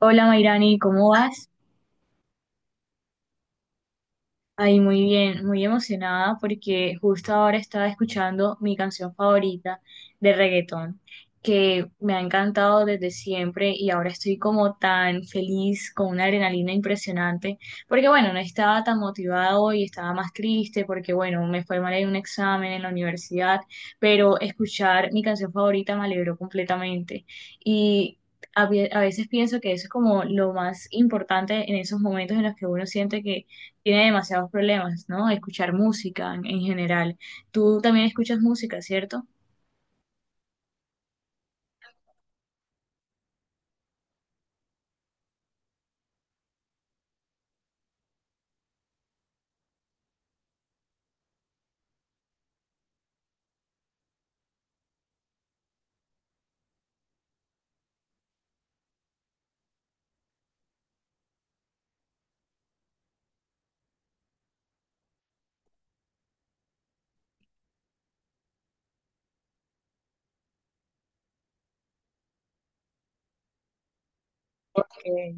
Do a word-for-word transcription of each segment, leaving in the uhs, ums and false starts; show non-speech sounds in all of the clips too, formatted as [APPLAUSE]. Hola Mayrani, ¿cómo vas? Ay, muy bien, muy emocionada porque justo ahora estaba escuchando mi canción favorita de reggaetón, que me ha encantado desde siempre y ahora estoy como tan feliz, con una adrenalina impresionante, porque bueno, no estaba tan motivada hoy, estaba más triste porque bueno, me fue mal en un examen en la universidad, pero escuchar mi canción favorita me alegró completamente y... A vie- a veces pienso que eso es como lo más importante en esos momentos en los que uno siente que tiene demasiados problemas, ¿no? Escuchar música en, en general. Tú también escuchas música, ¿cierto? Porque...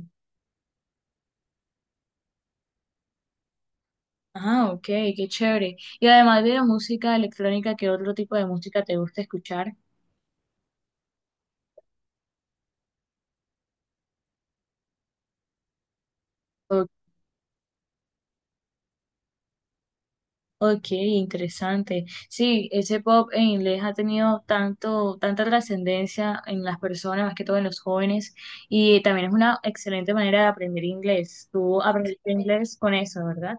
Ah, ok, qué chévere. Y además de la música electrónica, ¿qué otro tipo de música te gusta escuchar? O- ok, interesante. Sí, ese pop en inglés ha tenido tanto, tanta trascendencia en las personas, más que todo en los jóvenes, y también es una excelente manera de aprender inglés. Tú aprendiste inglés con eso, ¿verdad?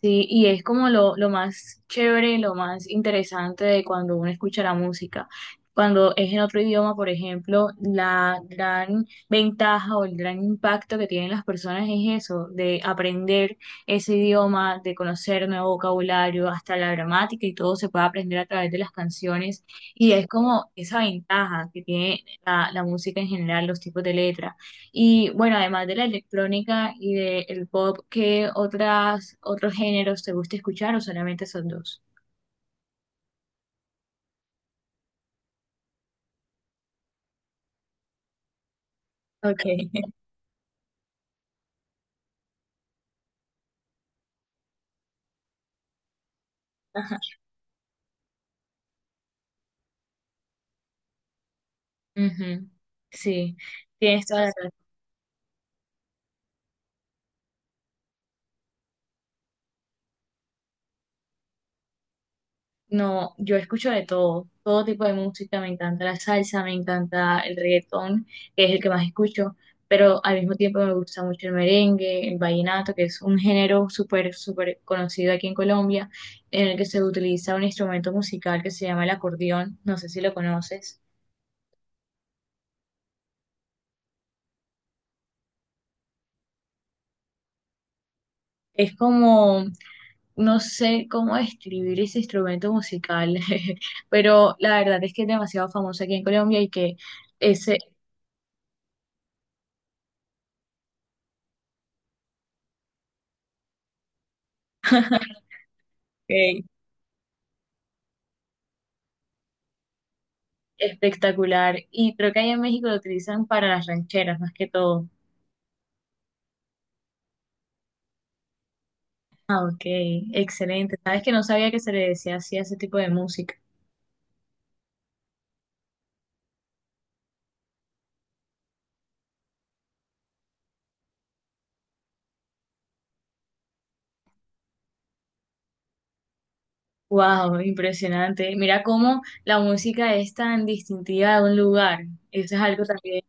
Sí, y es como lo, lo más chévere, lo más interesante de cuando uno escucha la música. Cuando es en otro idioma, por ejemplo, la gran ventaja o el gran impacto que tienen las personas es eso, de aprender ese idioma, de conocer nuevo vocabulario, hasta la gramática y todo se puede aprender a través de las canciones. Y es como esa ventaja que tiene la, la música en general, los tipos de letras. Y bueno, además de la electrónica y del pop, ¿qué otras, otros géneros te gusta escuchar o solamente son dos? Okay. [LAUGHS] Ajá. Ujú, sí, tienes toda la razón. No, yo escucho de todo, todo tipo de música, me encanta la salsa, me encanta el reggaetón, que es el que más escucho, pero al mismo tiempo me gusta mucho el merengue, el vallenato, que es un género súper, súper conocido aquí en Colombia, en el que se utiliza un instrumento musical que se llama el acordeón, no sé si lo conoces. Es como, no sé cómo describir ese instrumento musical, [LAUGHS] pero la verdad es que es demasiado famoso aquí en Colombia y que es eh, espectacular. Y creo que allá en México lo utilizan para las rancheras más que todo. Ah, ok, excelente. Sabes que no sabía que se le decía así a ese tipo de música. Wow, impresionante. Mira cómo la música es tan distintiva de un lugar. Eso es algo también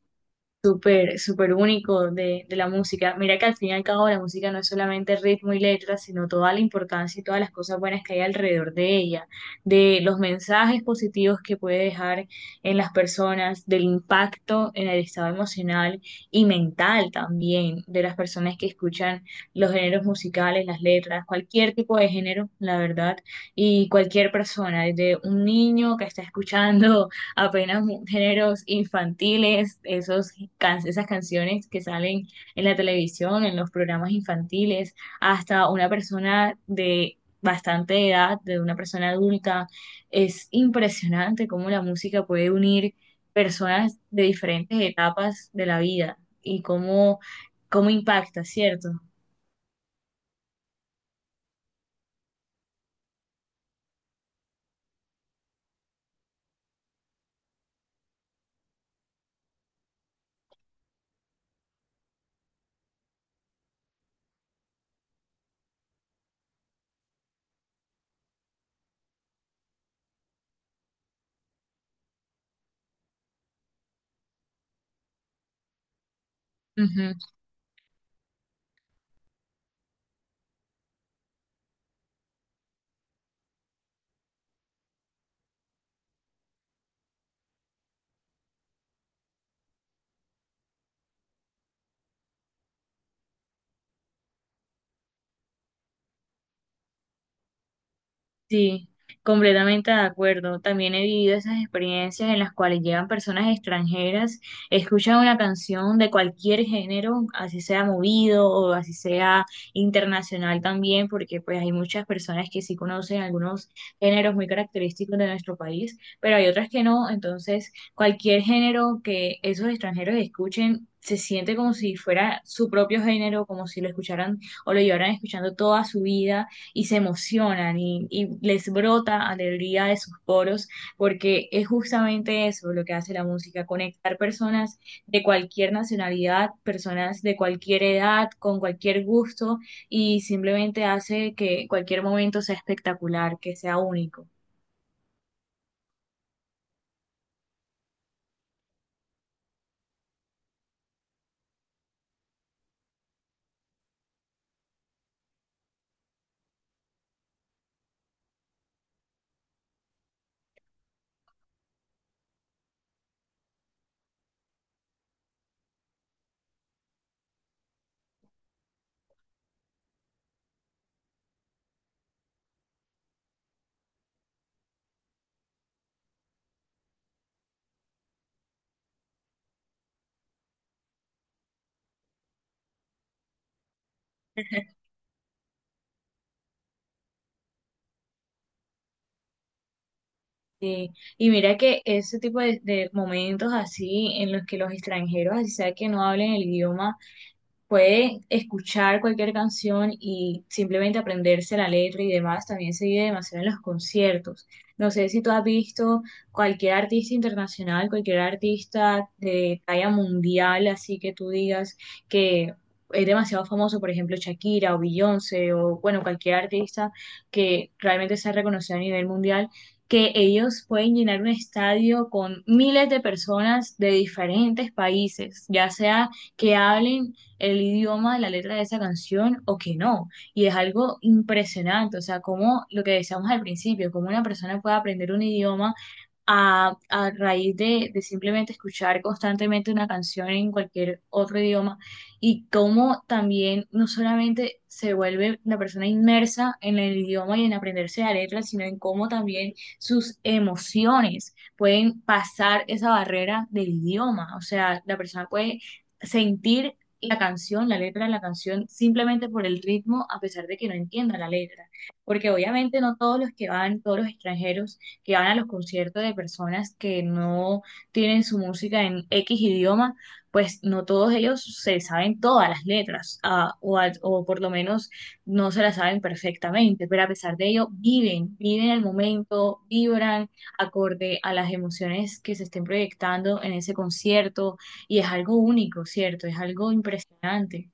súper, súper único de, de la música. Mira que al fin y al cabo la música no es solamente ritmo y letra, sino toda la importancia y todas las cosas buenas que hay alrededor de ella, de los mensajes positivos que puede dejar en las personas, del impacto en el estado emocional y mental también de las personas que escuchan los géneros musicales, las letras, cualquier tipo de género, la verdad, y cualquier persona, desde un niño que está escuchando apenas mu- géneros infantiles, esos can- esas canciones que salen en la televisión, en los programas infantiles, hasta una persona de bastante edad, de una persona adulta. Es impresionante cómo la música puede unir personas de diferentes etapas de la vida y cómo, cómo impacta, ¿cierto? Sí, completamente de acuerdo. También he vivido esas experiencias en las cuales llegan personas extranjeras, escuchan una canción de cualquier género, así sea movido o así sea internacional también, porque pues hay muchas personas que sí conocen algunos géneros muy característicos de nuestro país, pero hay otras que no. Entonces, cualquier género que esos extranjeros escuchen se siente como si fuera su propio género, como si lo escucharan o lo llevaran escuchando toda su vida y se emocionan y, y les brota alegría de sus poros, porque es justamente eso lo que hace la música, conectar personas de cualquier nacionalidad, personas de cualquier edad, con cualquier gusto, y simplemente hace que cualquier momento sea espectacular, que sea único. Sí. Y mira que ese tipo de, de momentos así en los que los extranjeros, así sea que no hablen el idioma, puede escuchar cualquier canción y simplemente aprenderse la letra y demás, también se vive demasiado en los conciertos. No sé si tú has visto cualquier artista internacional, cualquier artista de talla mundial, así que tú digas que es demasiado famoso, por ejemplo, Shakira o Beyoncé o bueno, cualquier artista que realmente sea reconocido a nivel mundial. Que ellos pueden llenar un estadio con miles de personas de diferentes países, ya sea que hablen el idioma de la letra de esa canción o que no. Y es algo impresionante, o sea, como lo que decíamos al principio, como una persona puede aprender un idioma a, a raíz de, de simplemente escuchar constantemente una canción en cualquier otro idioma y cómo también no solamente se vuelve la persona inmersa en el idioma y en aprenderse la letra, sino en cómo también sus emociones pueden pasar esa barrera del idioma. O sea, la persona puede sentir la canción, la letra de la canción, simplemente por el ritmo, a pesar de que no entienda la letra. Porque obviamente no todos los que van, todos los extranjeros que van a los conciertos de personas que no tienen su música en X idioma, pues no todos ellos se saben todas las letras, ah, o, al- o por lo menos no se las saben perfectamente, pero a pesar de ello viven, viven el momento, vibran acorde a las emociones que se estén proyectando en ese concierto y es algo único, ¿cierto? Es algo impresionante.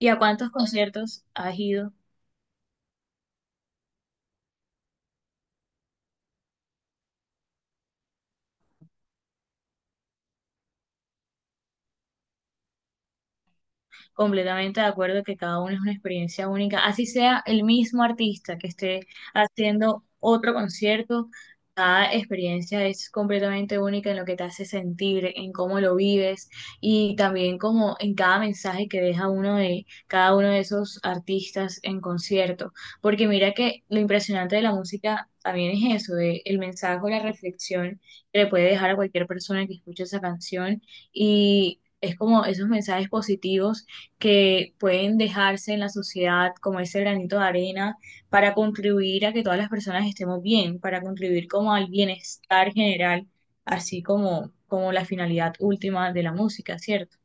¿Y a cuántos conciertos has ido? Completamente de acuerdo que cada uno es una experiencia única, así sea el mismo artista que esté haciendo otro concierto, cada experiencia es completamente única en lo que te hace sentir, en cómo lo vives y también como en cada mensaje que deja uno de cada uno de esos artistas en concierto, porque mira que lo impresionante de la música también es eso, de el mensaje o la reflexión que le puede dejar a cualquier persona que escuche esa canción y es como esos mensajes positivos que pueden dejarse en la sociedad como ese granito de arena para contribuir a que todas las personas estemos bien, para contribuir como al bienestar general, así como, como la finalidad última de la música, ¿cierto?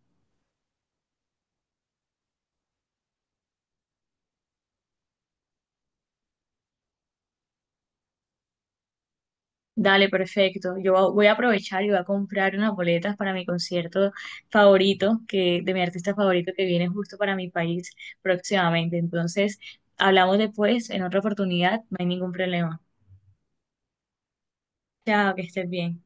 Dale, perfecto. Yo voy a aprovechar y voy a comprar unas boletas para mi concierto favorito, que de mi artista favorito que viene justo para mi país próximamente. Entonces, hablamos después en otra oportunidad, no hay ningún problema. Chao, que estés bien.